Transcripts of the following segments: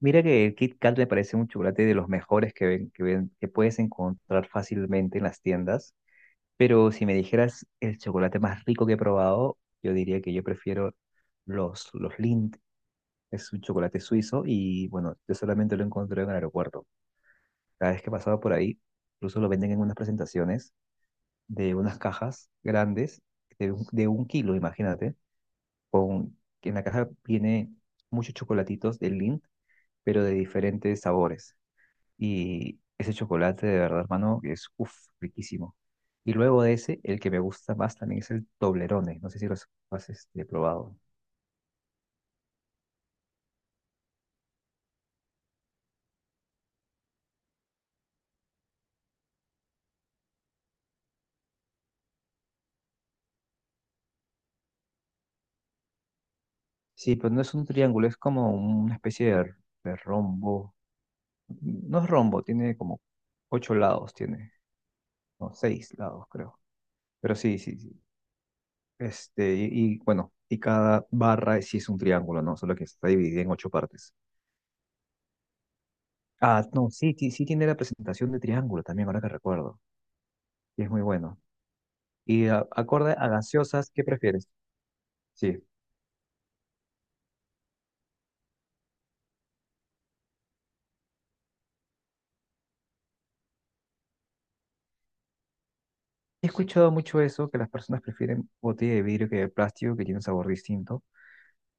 Mira que el Kit Kat me parece un chocolate de los mejores que puedes encontrar fácilmente en las tiendas, pero si me dijeras el chocolate más rico que he probado, yo diría que yo prefiero los Lindt, es un chocolate suizo y bueno, yo solamente lo encontré en el aeropuerto. Cada vez que pasaba por ahí, incluso lo venden en unas presentaciones de unas cajas grandes de un kilo, imagínate, que en la caja viene muchos chocolatitos de Lindt, pero de diferentes sabores. Y ese chocolate de verdad, hermano, que es uff, riquísimo. Y luego de ese, el que me gusta más también es el Toblerone. No sé si lo has probado. Sí, pero no es un triángulo, es como una especie de rombo. No es rombo, tiene como ocho lados, tiene, no, seis lados, creo. Pero sí, sí, sí. Este, y, bueno, y cada barra sí es un triángulo, ¿no? Solo que está dividida en ocho partes. Ah, no, sí, sí, sí tiene la presentación de triángulo también, ahora que recuerdo. Y es muy bueno. Y acorde a gaseosas, ¿qué prefieres? Sí, he escuchado mucho eso, que las personas prefieren botella de vidrio que de plástico, que tiene un sabor distinto.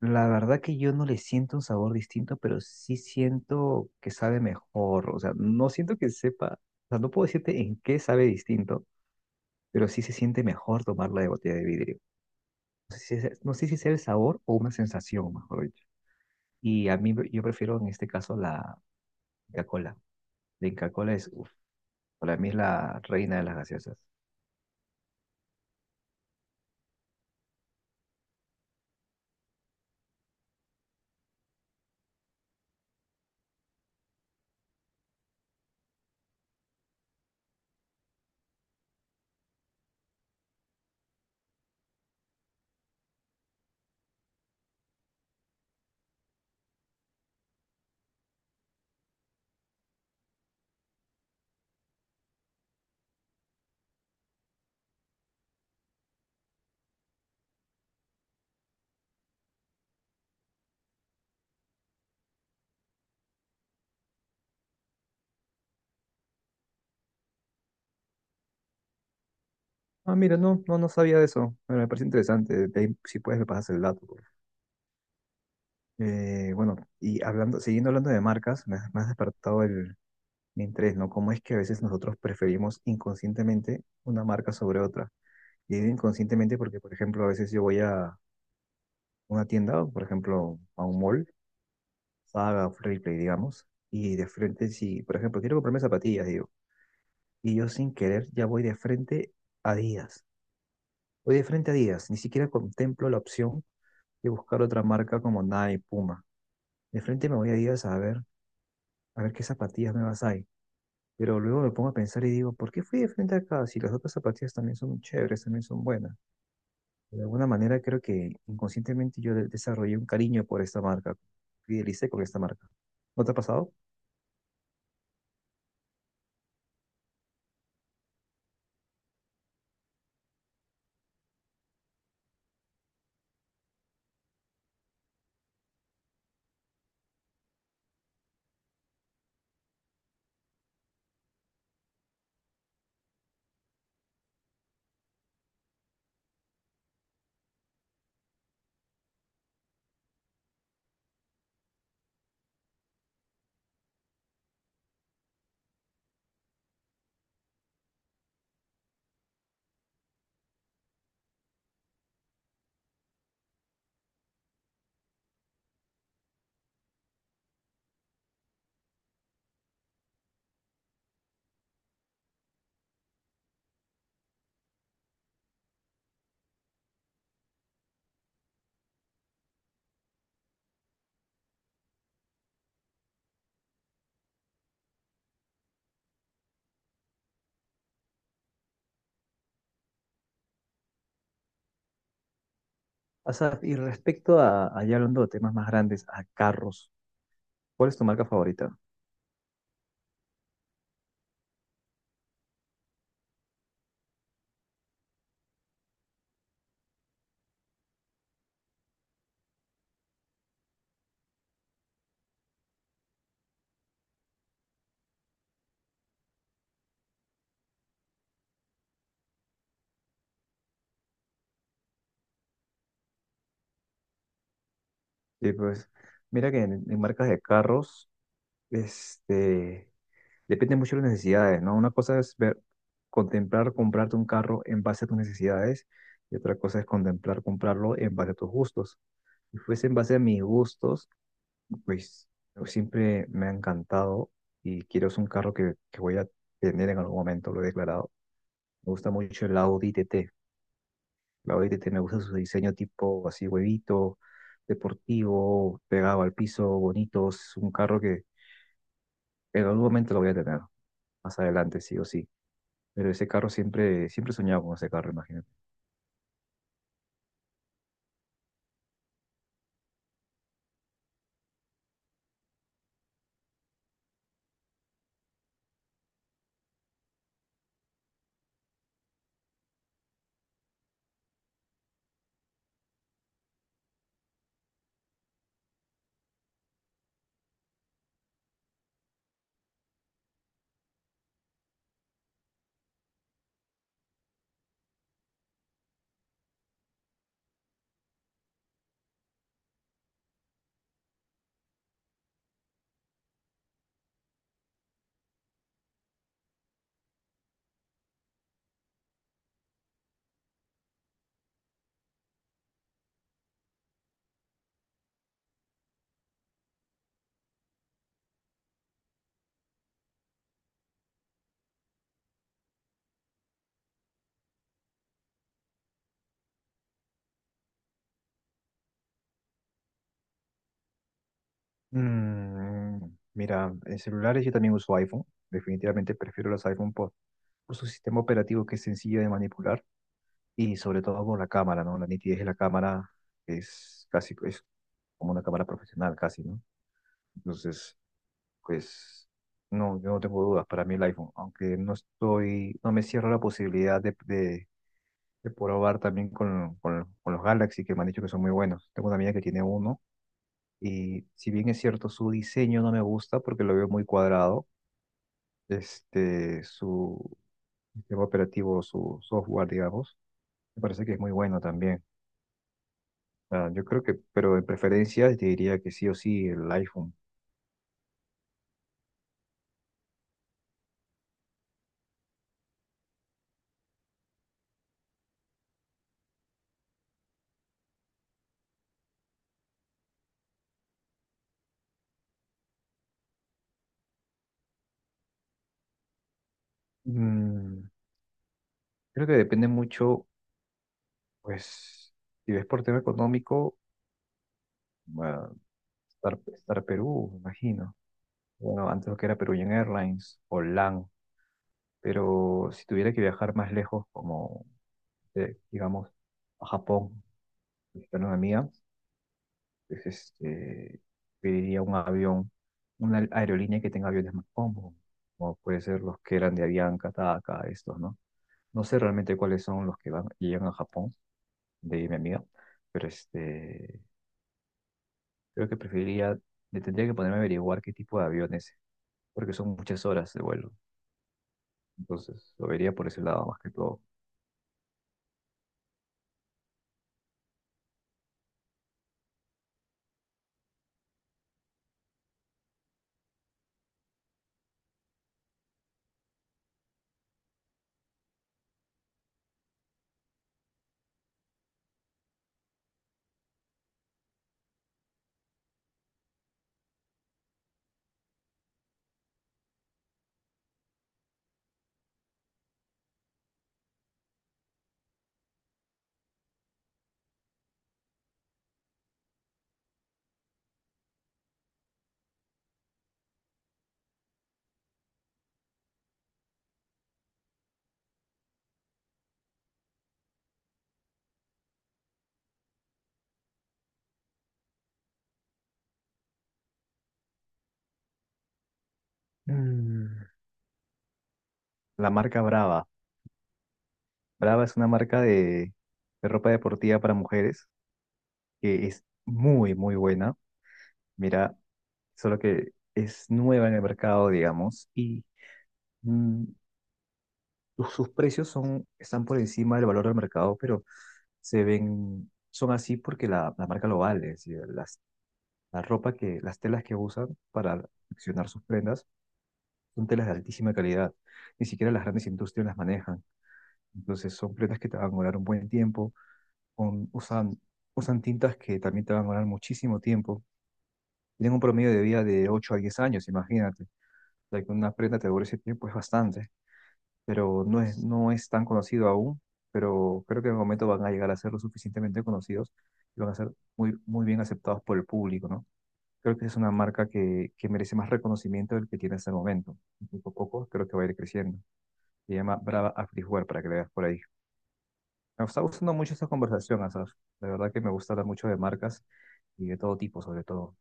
La verdad que yo no le siento un sabor distinto, pero sí siento que sabe mejor. O sea, no siento que sepa, o sea, no puedo decirte en qué sabe distinto, pero sí se siente mejor tomarla de botella de vidrio. No sé si es, no sé si sea el sabor o una sensación, mejor dicho. Y a mí, yo prefiero en este caso la Coca-Cola. La Coca-Cola es, uf, para mí es la reina de las gaseosas. Ah, mira, no, no, no sabía de eso. Bueno, me parece interesante. De ahí, si puedes, me pasas el dato, por favor. Bueno, y siguiendo hablando de marcas, me has despertado mi interés, ¿no? Cómo es que a veces nosotros preferimos inconscientemente una marca sobre otra. Y digo inconscientemente porque, por ejemplo, a veces yo voy a una tienda, o, por ejemplo, a un mall, Saga, Play, digamos, y de frente, si, por ejemplo, quiero comprarme zapatillas, digo, y yo sin querer ya voy de frente a Adidas. Voy de frente a Adidas, ni siquiera contemplo la opción y buscar otra marca como Nike, Puma. De frente me voy a Adidas a ver qué zapatillas nuevas hay. Pero luego me pongo a pensar y digo, ¿por qué fui de frente acá si las otras zapatillas también son chéveres, también son buenas? De alguna manera creo que inconscientemente yo desarrollé un cariño por esta marca, fidelicé con esta marca. ¿No te ha pasado? Asaf, y respecto a, allá hablando de temas más grandes, a carros, ¿cuál es tu marca favorita? Y pues, mira que en marcas de carros, este, depende mucho de las necesidades, ¿no? Una cosa es ver, contemplar comprarte un carro en base a tus necesidades y otra cosa es contemplar comprarlo en base a tus gustos. Si fuese en base a mis gustos, pues yo siempre me ha encantado y quiero es un carro que voy a tener en algún momento, lo he declarado. Me gusta mucho el Audi TT. El Audi TT me gusta su diseño tipo así huevito, deportivo, pegado al piso, bonito. Es un carro que en algún momento lo voy a tener, más adelante, sí o sí. Pero ese carro siempre, siempre soñaba con ese carro, imagínate. Mm, Mira, en celulares yo también uso iPhone. Definitivamente prefiero los iPhone por su sistema operativo que es sencillo de manipular y sobre todo por la cámara, ¿no? La nitidez de la cámara es casi es como una cámara profesional, casi, ¿no? Entonces, pues, no, yo no tengo dudas. Para mí el iPhone, aunque no estoy, no me cierro la posibilidad de probar también con los Galaxy que me han dicho que son muy buenos. Tengo una amiga que tiene uno. Y si bien es cierto, su diseño no me gusta porque lo veo muy cuadrado, su sistema operativo, su software, digamos, me parece que es muy bueno también. Ah, yo creo que, pero en preferencias te diría que sí o sí el iPhone. Mm, Creo que depende mucho, pues, si ves por tema económico, bueno, Star Perú, me imagino. Bueno, antes lo que era Peruvian Airlines o LAN, pero si tuviera que viajar más lejos, como, digamos, a Japón con una amiga, pues pediría un avión, una aerolínea que tenga aviones más cómodos, como puede ser los que eran de Avianca, TACA, estos, ¿no? No sé realmente cuáles son los que van y llegan a Japón, de mi amiga, pero este, creo que preferiría, le tendría que ponerme a averiguar qué tipo de aviones, porque son muchas horas de vuelo, entonces lo vería por ese lado más que todo. Mm, La marca Brava. Brava es una marca de ropa deportiva para mujeres que es muy, muy buena. Mira, solo que es nueva en el mercado, digamos, y mm, sus precios son, están por encima del valor del mercado, pero se ven, son así porque la marca lo vale. Es decir, las telas que usan para confeccionar sus prendas son telas de altísima calidad. Ni siquiera las grandes industrias las manejan. Entonces son prendas que te van a durar un buen tiempo, usan, usan tintas que también te van a durar muchísimo tiempo. Tienen un promedio de vida de 8 a 10 años, imagínate. De que una prenda te dure ese tiempo es bastante, pero no es tan conocido aún, pero creo que en el momento van a llegar a ser lo suficientemente conocidos y van a ser muy, muy bien aceptados por el público, ¿no? Creo que es una marca que merece más reconocimiento del que tiene hasta el momento. Y poco a poco creo que va a ir creciendo. Se llama Brava Activewear para que le veas por ahí. Me está gustando mucho esta conversación, Asaf. La verdad que me gusta hablar mucho de marcas y de todo tipo, sobre todo.